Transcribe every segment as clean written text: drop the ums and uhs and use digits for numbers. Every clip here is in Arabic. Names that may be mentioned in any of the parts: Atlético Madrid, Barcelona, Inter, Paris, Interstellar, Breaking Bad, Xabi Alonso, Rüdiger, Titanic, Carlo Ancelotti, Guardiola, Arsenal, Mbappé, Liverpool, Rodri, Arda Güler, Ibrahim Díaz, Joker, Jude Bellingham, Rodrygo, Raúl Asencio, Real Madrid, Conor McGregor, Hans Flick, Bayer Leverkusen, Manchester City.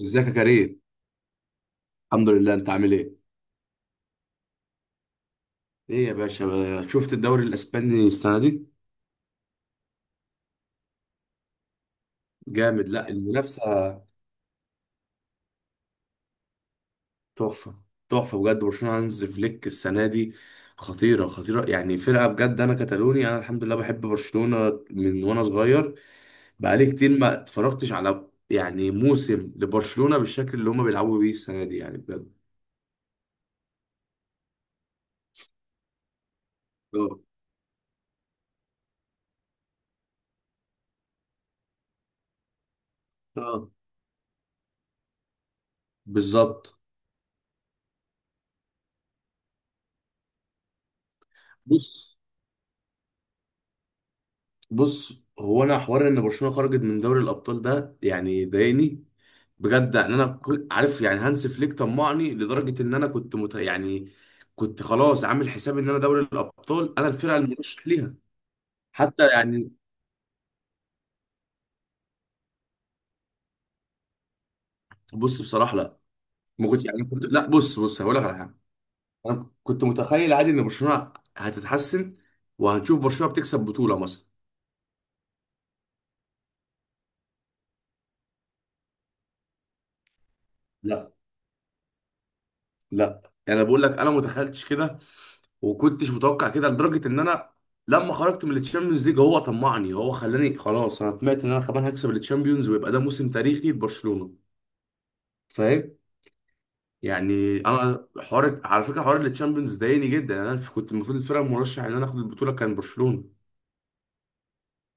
ازيك يا كريم؟ الحمد لله، انت عامل ايه؟ ايه يا باشا، شفت الدوري الاسباني السنه دي؟ جامد، لا المنافسه تحفه. تحفه بجد برشلونه هانز فليك السنه دي. خطيره خطيره، يعني فرقه بجد. انا كتالوني، انا الحمد لله بحب برشلونه من وانا صغير. بقالي كتير ما اتفرجتش على يعني موسم لبرشلونه بالشكل اللي هما بيلعبوا بيه السنه دي، يعني بجد. اه. اه بالظبط. بص بص، هو انا حوار ان برشلونه خرجت من دوري الابطال ده يعني ضايقني بجد. ان انا كل عارف يعني هانس فليك طمعني لدرجه ان انا كنت مت... يعني كنت خلاص عامل حساب ان انا دوري الابطال انا الفرقه المرشح ليها. حتى يعني. بص بصراحه لا. ما كنت يعني كنت لا، بص هقول لك على حاجه. انا كنت متخيل عادي ان برشلونه هتتحسن، وهنشوف برشلونه بتكسب بطوله مثلا. لا لا، يعني انا بقول لك انا متخيلتش كده وكنتش متوقع كده لدرجه ان انا لما خرجت من التشامبيونز ليج هو طمعني، هو خلاني خلاص انا طمعت ان انا كمان هكسب التشامبيونز ويبقى ده موسم تاريخي لبرشلونه. فاهم؟ يعني انا حوار، على فكره حوار التشامبيونز ضايقني جدا. يعني انا كنت المفروض الفرقه المرشح ان انا اخد البطوله كان برشلونه،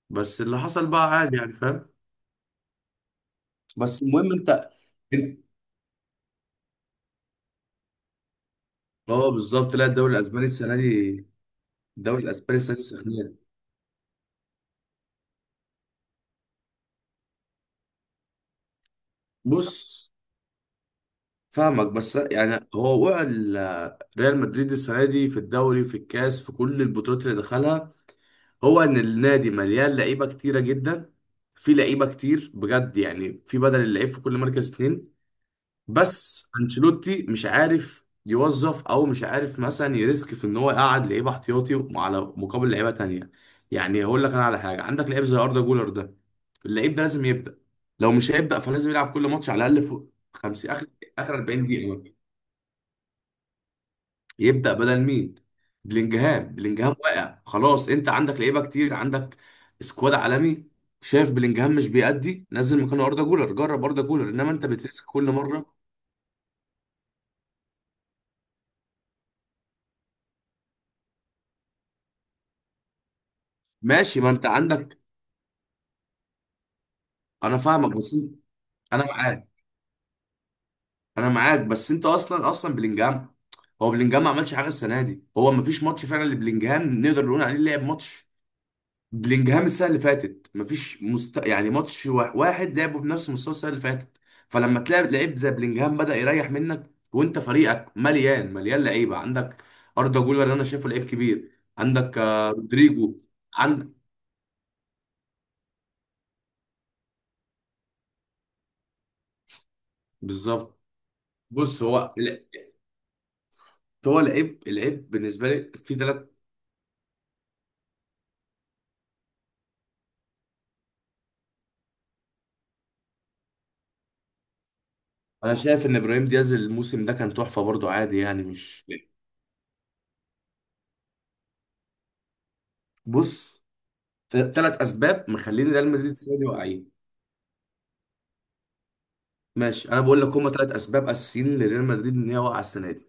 بس اللي حصل بقى عادي يعني، فاهم؟ بس المهم انت. اه بالظبط، لا الدوري الاسباني السنه دي، الدوري الاسباني السنه دي سخنيه. بص فاهمك، بس يعني هو وقع ريال مدريد السنه دي في الدوري في الكاس في كل البطولات اللي دخلها. هو ان النادي مليان لعيبه كتيره جدا، في لعيبه كتير بجد، يعني في بدل اللعيب في كل مركز اتنين. بس انشيلوتي مش عارف يوظف، او مش عارف مثلا يريسك في ان هو يقعد لعيبه احتياطي على مقابل لعيبه تانية. يعني هقول لك انا على حاجه، عندك لعيب زي اردا جولر ده، اللعيب ده لازم يبدا. لو مش هيبدا فلازم يلعب كل ماتش على الاقل فوق 50 اخر، اخر 40 دقيقه. يبدأ بدل مين؟ بلينجهام. بلينجهام واقع خلاص، انت عندك لعيبه كتير، عندك سكواد عالمي. شايف بلينجهام مش بيأدي، نزل مكانه اردا جولر، جرب اردا جولر، انما انت بترسك كل مره. ماشي ما انت عندك. انا فاهمك بس انا معاك، انا معاك، بس انت اصلا بلينجهام، هو بلينجهام ما عملش حاجه السنه دي، هو ما فيش ماتش فعلا لبلينجهام نقدر نقول عليه لعب ماتش. بلينجهام السنه اللي فاتت مفيش مست... يعني ماتش واحد لعبه بنفس مستوى السنه اللي فاتت. فلما تلاعب لعيب زي بلينجهام بدأ يريح منك وانت فريقك مليان، لعيبه عندك. اردا جولر انا شايفه لعيب كبير. عندك آه، رودريجو. عندك. بالظبط. بص هو ال- هو لعيب العيب بالنسبه لي في ثلاث. انا شايف ان ابراهيم دياز الموسم ده كان تحفه برضو عادي، يعني مش. بص، ثلاث اسباب مخلين ريال مدريد السنه دي واقعين. ماشي، انا بقول لك هما ثلاث اسباب اساسيين لريال مدريد ان هي واقعه السنه دي.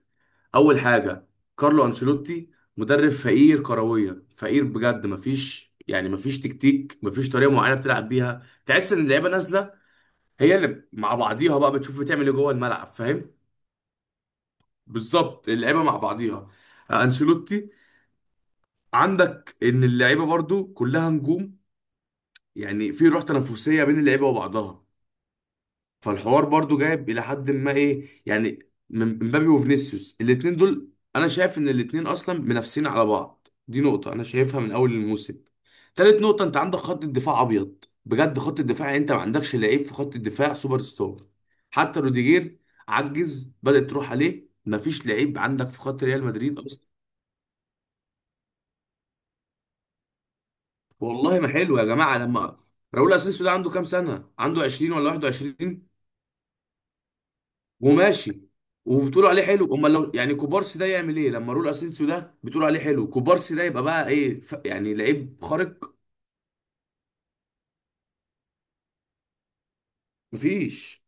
اول حاجه، كارلو انشيلوتي مدرب فقير كرويا، فقير بجد، مفيش يعني مفيش تكتيك، مفيش طريقه معينه بتلعب بيها، تحس ان اللعيبه نازله هي اللي مع بعضيها بقى بتشوف بتعمل ايه جوه الملعب، فاهم؟ بالظبط، اللعيبه مع بعضيها. آه، انشيلوتي. عندك ان اللعيبه برضو كلها نجوم، يعني في روح تنافسيه بين اللعيبه وبعضها، فالحوار برضو جايب الى حد ما ايه يعني، من مبابي وفينيسيوس الاتنين دول. انا شايف ان الاتنين اصلا منافسين على بعض، دي نقطة انا شايفها من اول الموسم. تالت نقطة، انت عندك خط الدفاع ابيض بجد، خط الدفاع يعني انت ما عندكش لعيب في خط الدفاع سوبر ستار. حتى روديجير عجز بدأت تروح عليه، مفيش لعيب عندك في خط ريال مدريد اصلا. والله ما حلو يا جماعة، لما راؤول اسينسيو ده عنده كام سنة؟ عنده 20 ولا 21؟ وماشي، وبتقولوا عليه حلو، امال لو يعني كوبارسي ده يعمل ايه؟ لما رول اسينسيو ده بتقولوا عليه حلو، كوبارسي ده يبقى بقى ايه ف... يعني لعيب خارق. مفيش.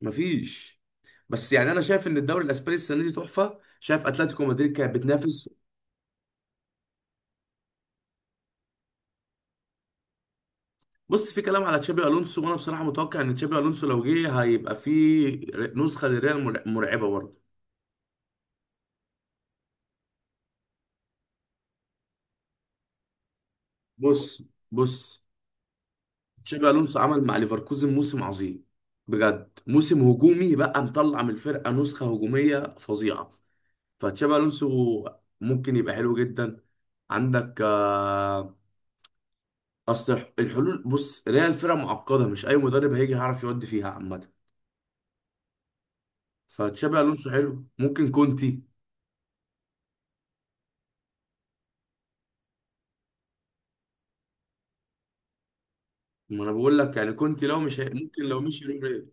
مفيش. بس يعني انا شايف ان الدوري الاسباني السنه دي تحفه، شايف اتلتيكو مدريد كانت بتنافس. بص، في كلام على تشابي الونسو، وانا بصراحه متوقع ان تشابي الونسو لو جه هيبقى في نسخه للريال مرعبه برضه. بص بص تشابي الونسو عمل مع ليفركوزن موسم عظيم، بجد موسم هجومي، بقى مطلع من الفرقه نسخه هجوميه فظيعه. فتشابي الونسو ممكن يبقى حلو جدا. عندك آه، اصل الحلول، بص ريال فرقه معقده، مش اي مدرب هيجي يعرف يودي فيها عامه. فتشابي الونسو حلو، ممكن كونتي. ما انا بقول لك يعني كونتي لو مش هي... ممكن لو مشي يروح ريال.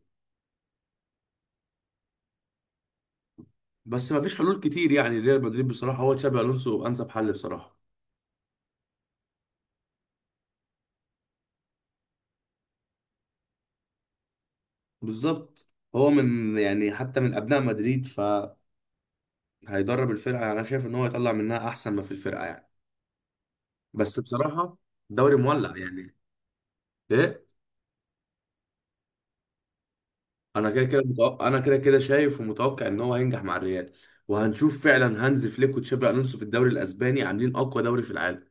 بس ما فيش حلول كتير يعني، ريال مدريد بصراحه هو تشابي الونسو انسب حل بصراحه. بالظبط، هو من يعني حتى من ابناء مدريد، ف هيدرب الفرقه، يعني انا شايف ان هو يطلع منها احسن ما في الفرقه يعني. بس بصراحه دوري مولع يعني. ايه. انا كده كده متوقع، انا كده كده شايف ومتوقع ان هو هينجح مع الريال، وهنشوف فعلا هانز فليك وتشابي الونسو في الدوري الاسباني عاملين اقوى دوري في العالم.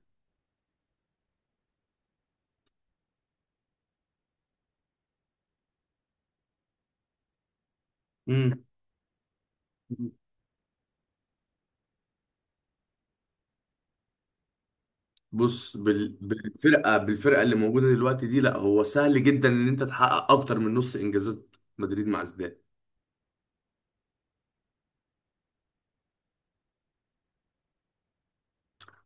امم بص بالفرقه، بالفرقه اللي موجوده دلوقتي دي، لا هو سهل جدا ان انت تحقق اكتر من نص انجازات مدريد مع زيدان.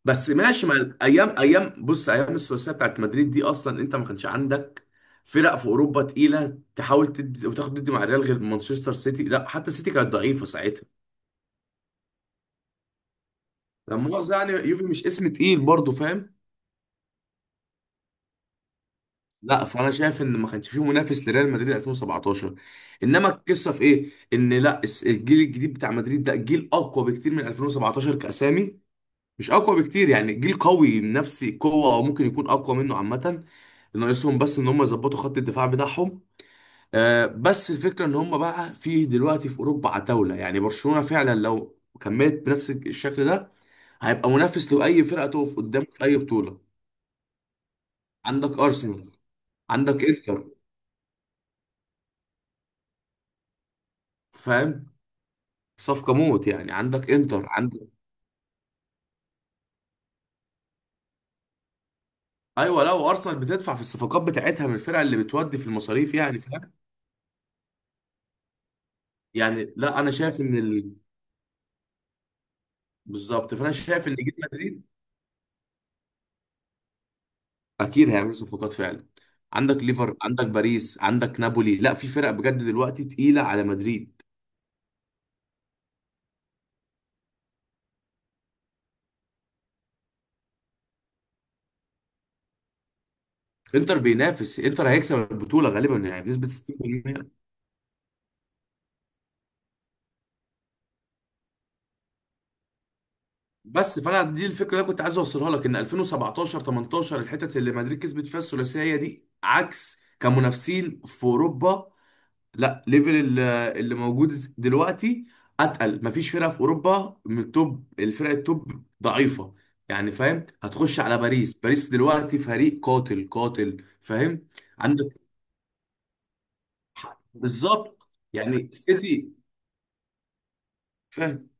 بس ماشي، ما ايام، ايام بص ايام الثلاثيه بتاعت مدريد دي اصلا انت ما كانش عندك فرق في اوروبا تقيله تحاول تدي وتاخد ضد مع ريال غير مانشستر سيتي، لا حتى سيتي كانت ضعيفه ساعتها. لما مؤاخذه يعني يوفي مش اسم تقيل برضه، فاهم؟ لا فانا شايف ان ما كانش فيه منافس لريال مدريد 2017. انما القصه في ايه ان لا، الجيل الجديد بتاع مدريد ده جيل اقوى بكتير من 2017 كاسامي. مش اقوى بكتير يعني، جيل قوي نفسي قوه، او ممكن يكون اقوى منه عامه. ناقصهم بس ان هم يظبطوا خط الدفاع بتاعهم. آه بس الفكره ان هم بقى في دلوقتي في اوروبا عتاوله، يعني برشلونه فعلا لو كملت بنفس الشكل ده هيبقى منافس لاي فرقه تقف قدامه في اي بطوله. عندك ارسنال. عندك انتر، فاهم؟ صفقه موت يعني، عندك انتر عندك. ايوه لو ارسنال بتدفع في الصفقات بتاعتها من الفرقه اللي بتودي في المصاريف يعني، فاهم؟ يعني لا انا شايف ان بالظبط، فانا شايف ان جيل مدريد. اكيد هيعملوا صفقات فعلا. عندك ليفر، عندك باريس، عندك نابولي، لا في فرق بجد دلوقتي تقيله على مدريد. انتر بينافس، انتر هيكسب البطوله غالبا يعني بنسبه 60%. بس، فانا دي الفكره اللي أنا كنت عايز اوصلها لك ان 2017 18 الحتت اللي مدريد كسبت فيها الثلاثيه دي، عكس كمنافسين في اوروبا لا، اللي موجود دلوقتي اتقل. مفيش فرقه في اوروبا من التوب، الفرق التوب ضعيفه يعني، فاهم؟ هتخش على باريس، باريس دلوقتي فريق قاتل قاتل، فاهم؟ عندك بالظبط يعني سيتي، فاهم؟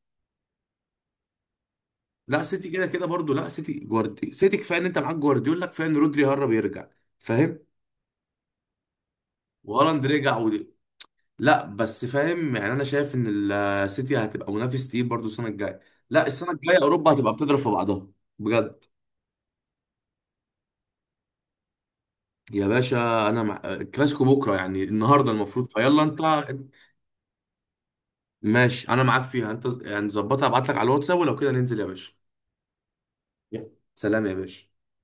لا سيتي كده كده برضو، لا سيتي سيتي كفايه ان انت معاك جوارديولا، كفايه ان رودري هرب يرجع، فاهم؟ وهالاند رجع. لا بس فاهم يعني، انا شايف ان السيتي هتبقى منافس تقيل برضو السنه الجايه. لا السنه الجايه اوروبا هتبقى بتضرب في بعضها بجد. يا باشا، انا مع... كلاسيكو بكره يعني، النهارده المفروض فيلا انت. ماشي انا معاك فيها انت، يعني ظبطها، ابعت لك على الواتساب ولو كده ننزل يا باشا. يلا. سلام يا باشا.